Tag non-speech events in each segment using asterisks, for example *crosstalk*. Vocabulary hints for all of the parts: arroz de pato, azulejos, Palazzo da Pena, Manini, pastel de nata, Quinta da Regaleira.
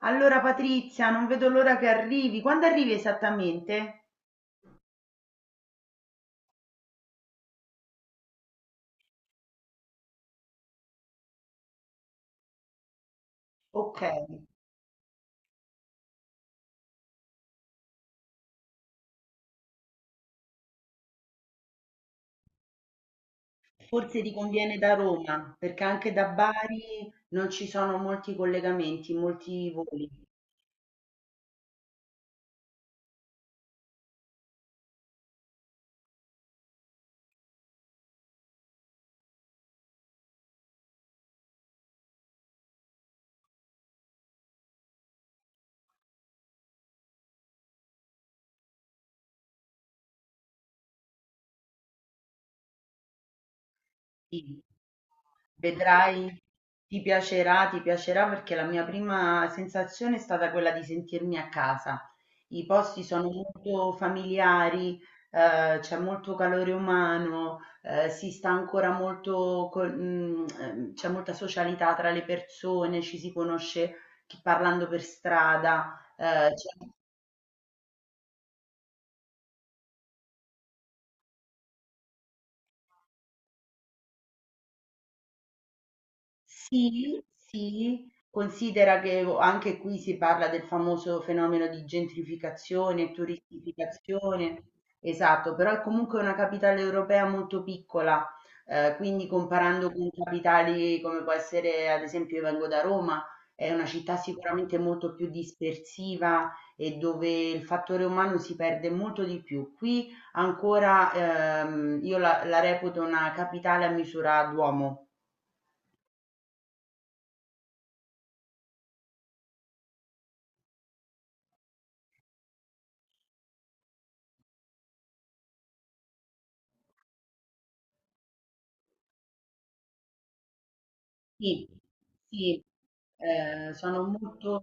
Allora Patrizia, non vedo l'ora che arrivi. Quando arrivi esattamente? Ok, forse ti conviene da Roma, perché anche da Bari non ci sono molti collegamenti, molti voli. Sì. Vedrai, ti piacerà perché la mia prima sensazione è stata quella di sentirmi a casa. I posti sono molto familiari, c'è molto calore umano, si sta ancora molto, c'è molta socialità tra le persone, ci si conosce parlando per strada, c'è. Sì, sì, considera che o anche qui si parla del famoso fenomeno di gentrificazione, turistificazione, esatto, però è comunque una capitale europea molto piccola, quindi comparando con capitali come può essere, ad esempio, io vengo da Roma. È una città sicuramente molto più dispersiva e dove il fattore umano si perde molto di più. Qui ancora, io la reputo una capitale a misura d'uomo. Sì, sì, sono molto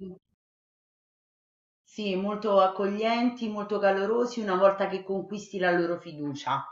sì, molto accoglienti, molto calorosi una volta che conquisti la loro fiducia.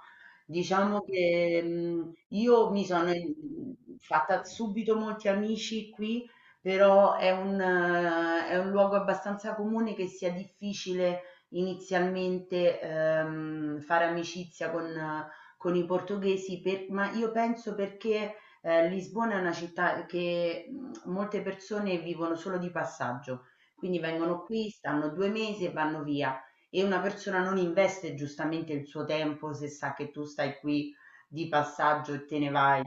Diciamo che io mi sono fatta subito molti amici qui, però è un luogo abbastanza comune che sia difficile inizialmente fare amicizia con i portoghesi, ma io penso perché Lisbona è una città che molte persone vivono solo di passaggio, quindi vengono qui, stanno 2 mesi e vanno via. E una persona non investe giustamente il suo tempo se sa che tu stai qui di passaggio e te ne vai.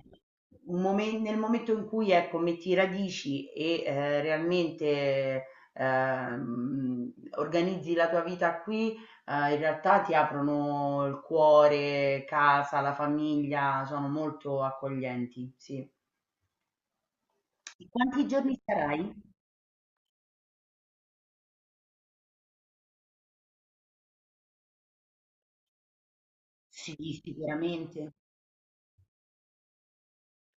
Nel momento in cui ecco, metti radici e realmente organizzi la tua vita qui, in realtà ti aprono il cuore, casa, la famiglia, sono molto accoglienti, sì. E quanti giorni sarai? Sì, sicuramente.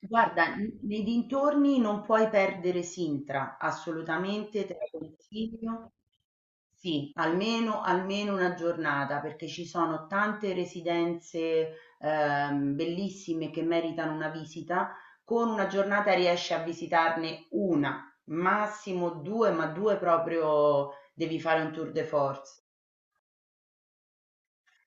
Guarda, n nei dintorni non puoi perdere Sintra, assolutamente te la consiglio. Sì, almeno 1 giornata, perché ci sono tante residenze, bellissime che meritano una visita. Con 1 giornata riesci a visitarne 1, massimo 2, ma 2 proprio devi fare un tour de force.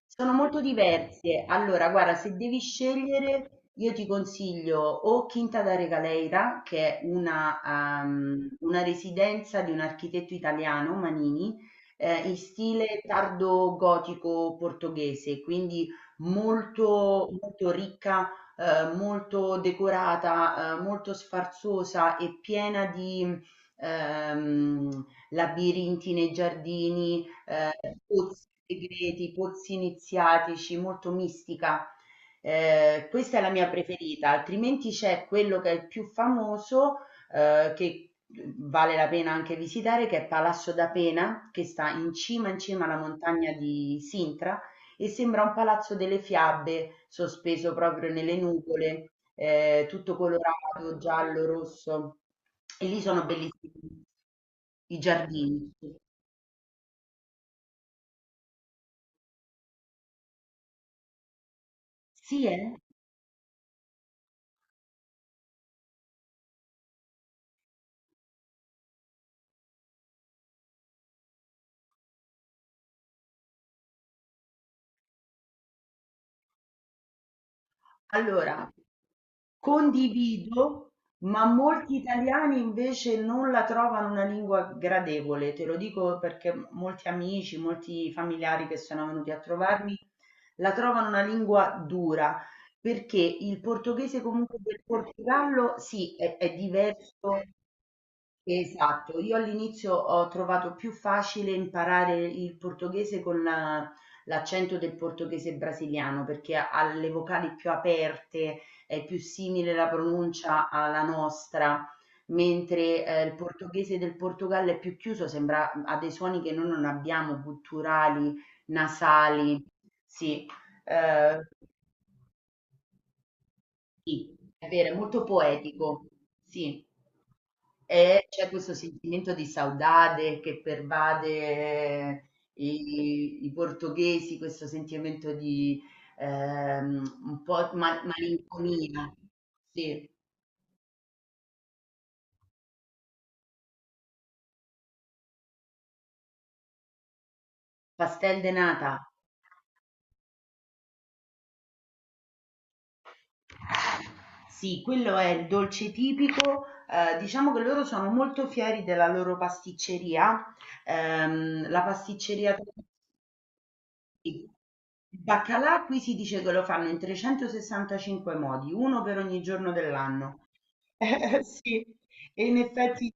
Sono molto diverse. Allora, guarda, se devi scegliere, io ti consiglio o Quinta da Regaleira, che è una residenza di un architetto italiano, Manini, in stile tardo gotico portoghese, quindi molto, molto ricca, molto decorata, molto sfarzosa e piena di ehm, labirinti nei giardini, ehm, pozzi segreti, pozzi iniziatici, molto mistica. Questa è la mia preferita, altrimenti c'è quello che è il più famoso, che vale la pena anche visitare, che è Palazzo da Pena, che sta in cima alla montagna di Sintra e sembra un palazzo delle fiabe sospeso proprio nelle nuvole, tutto colorato, giallo, rosso. E lì sono bellissimi i giardini. Sì, eh? Allora, condivido, ma molti italiani invece non la trovano una lingua gradevole, te lo dico perché molti amici, molti familiari che sono venuti a trovarmi la trovano una lingua dura, perché il portoghese comunque del Portogallo sì, è diverso. Esatto, io all'inizio ho trovato più facile imparare il portoghese con la l'accento del portoghese brasiliano, perché ha le vocali più aperte, è più simile la pronuncia alla nostra, mentre il portoghese del Portogallo è più chiuso, sembra, ha dei suoni che noi non abbiamo, gutturali, nasali. Sì, eh, sì, è vero, è molto poetico, sì. E c'è questo sentimento di saudade che pervade i portoghesi, questo sentimento di un po' malinconia. Sì, pastel de nata. Sì, quello è il dolce tipico. Diciamo che loro sono molto fieri della loro pasticceria. La pasticceria. Sì. Il baccalà qui si dice che lo fanno in 365 modi, uno per ogni giorno dell'anno. Eh, *laughs* sì, e in effetti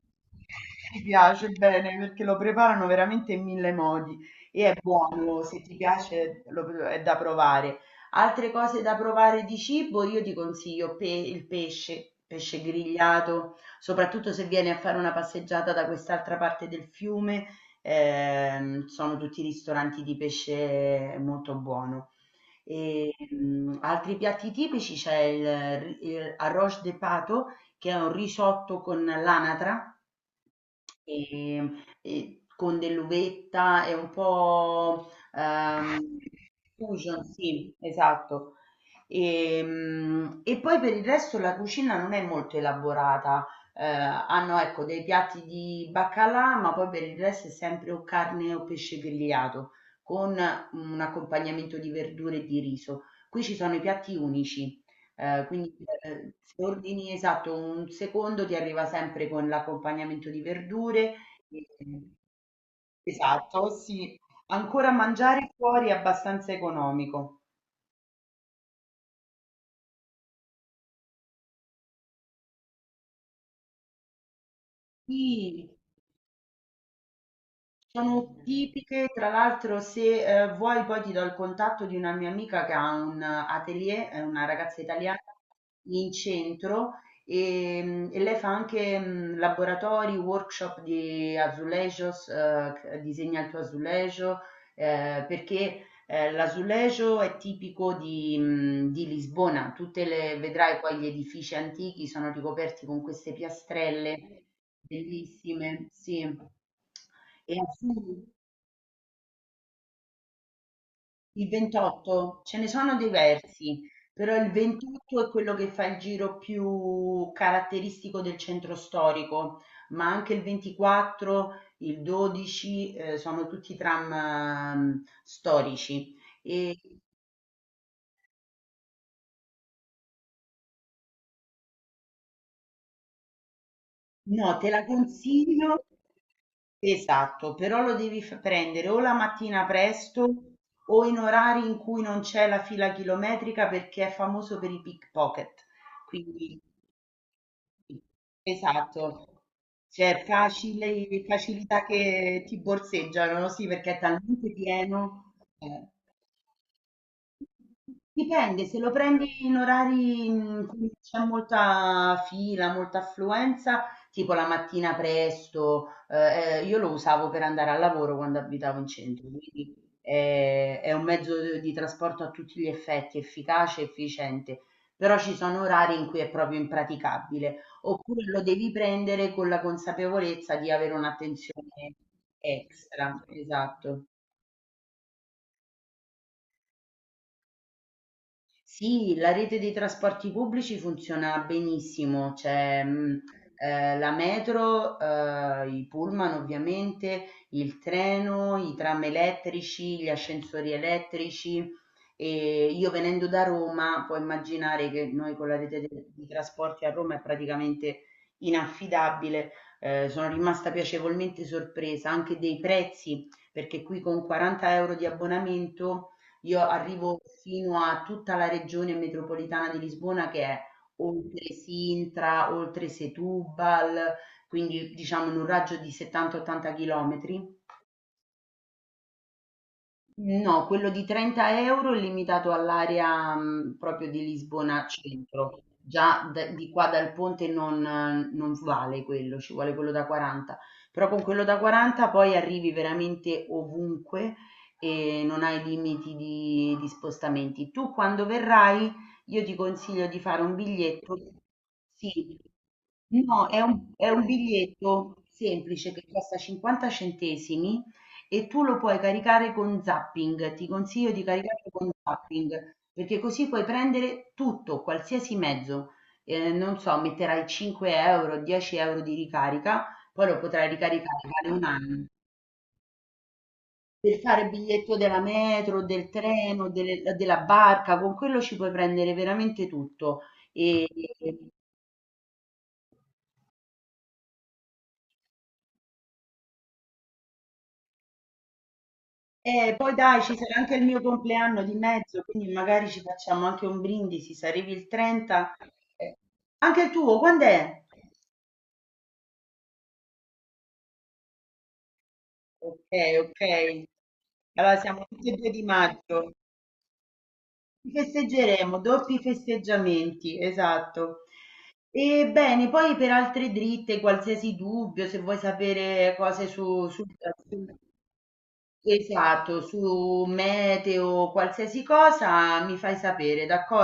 mi piace bene perché lo preparano veramente in mille modi e è buono, se ti piace è da provare. Altre cose da provare di cibo, io ti consiglio il pesce, pesce grigliato, soprattutto se vieni a fare una passeggiata da quest'altra parte del fiume, sono tutti ristoranti di pesce molto buono. E, altri piatti tipici c'è il arroz de pato, che è un risotto con l'anatra, Ehm, e con dell'uvetta e un po', fusion, sì, esatto. E, poi per il resto la cucina non è molto elaborata. Hanno ecco dei piatti di baccalà, ma poi per il resto è sempre o carne o pesce grigliato con un accompagnamento di verdure e di riso. Qui ci sono i piatti unici. Quindi, se ordini esatto, un secondo ti arriva sempre con l'accompagnamento di verdure, ehm esatto, sì. Ancora mangiare fuori è abbastanza economico. Sì. Sono tipiche, tra l'altro se vuoi poi ti do il contatto di una mia amica che ha un atelier, è una ragazza italiana in centro e, e lei fa anche laboratori, workshop di azulejos, disegna il tuo azulejo, perché l'azulejo è tipico di, di Lisbona, tutte le, vedrai poi gli edifici antichi sono ricoperti con queste piastrelle bellissime, sì. E a Fu- il 28, ce ne sono diversi, però il 28 è quello che fa il giro più caratteristico del centro storico, ma anche il 24, il 12, sono tutti tram, storici. E, no, te la consiglio. Esatto, però lo devi prendere o la mattina presto o in orari in cui non c'è la fila chilometrica perché è famoso per i pickpocket. Quindi, esatto, c'è facilità che ti borseggiano, sì, perché è talmente pieno. eh. Dipende, se lo prendi in orari in cui c'è molta fila, molta affluenza, tipo la mattina presto, io lo usavo per andare al lavoro quando abitavo in centro, quindi è un mezzo di trasporto a tutti gli effetti, efficace, e efficiente, però ci sono orari in cui è proprio impraticabile, oppure lo devi prendere con la consapevolezza di avere un'attenzione extra, esatto. Sì, la rete dei trasporti pubblici funziona benissimo, c'è la metro, i pullman ovviamente, il treno, i tram elettrici, gli ascensori elettrici e io venendo da Roma, puoi immaginare che noi con la rete di trasporti a Roma è praticamente inaffidabile. Sono rimasta piacevolmente sorpresa anche dei prezzi, perché qui con 40 € di abbonamento io arrivo fino a tutta la regione metropolitana di Lisbona che è oltre Sintra, oltre Setúbal, quindi diciamo in un raggio di 70-80 chilometri. No, quello di 30 € è limitato all'area, proprio di Lisbona centro. Già d di qua dal ponte non vale quello, ci vuole quello da 40. Però con quello da 40 poi arrivi veramente ovunque e non hai limiti di spostamenti. Tu quando verrai io ti consiglio di fare un biglietto. Sì. No, è un biglietto semplice che costa 50 centesimi e tu lo puoi caricare con zapping, ti consiglio di caricarlo con zapping, perché così puoi prendere tutto, qualsiasi mezzo. Non so, metterai 5 euro, 10 € di ricarica, poi lo potrai ricaricare, vale un anno. Per fare biglietto della metro, del treno, della barca, con quello ci puoi prendere veramente tutto. E, E poi dai, ci sarà anche il mio compleanno di mezzo, quindi magari ci facciamo anche un brindisi, se arrivi il 30. eh, Anche il tuo, quando è? Ok, ok. Allora siamo tutti e due di maggio. Ci festeggeremo, doppi festeggiamenti, esatto. E bene, poi per altre dritte, qualsiasi dubbio, se vuoi sapere cose su, esatto, su meteo, qualsiasi cosa, mi fai sapere, d'accordo?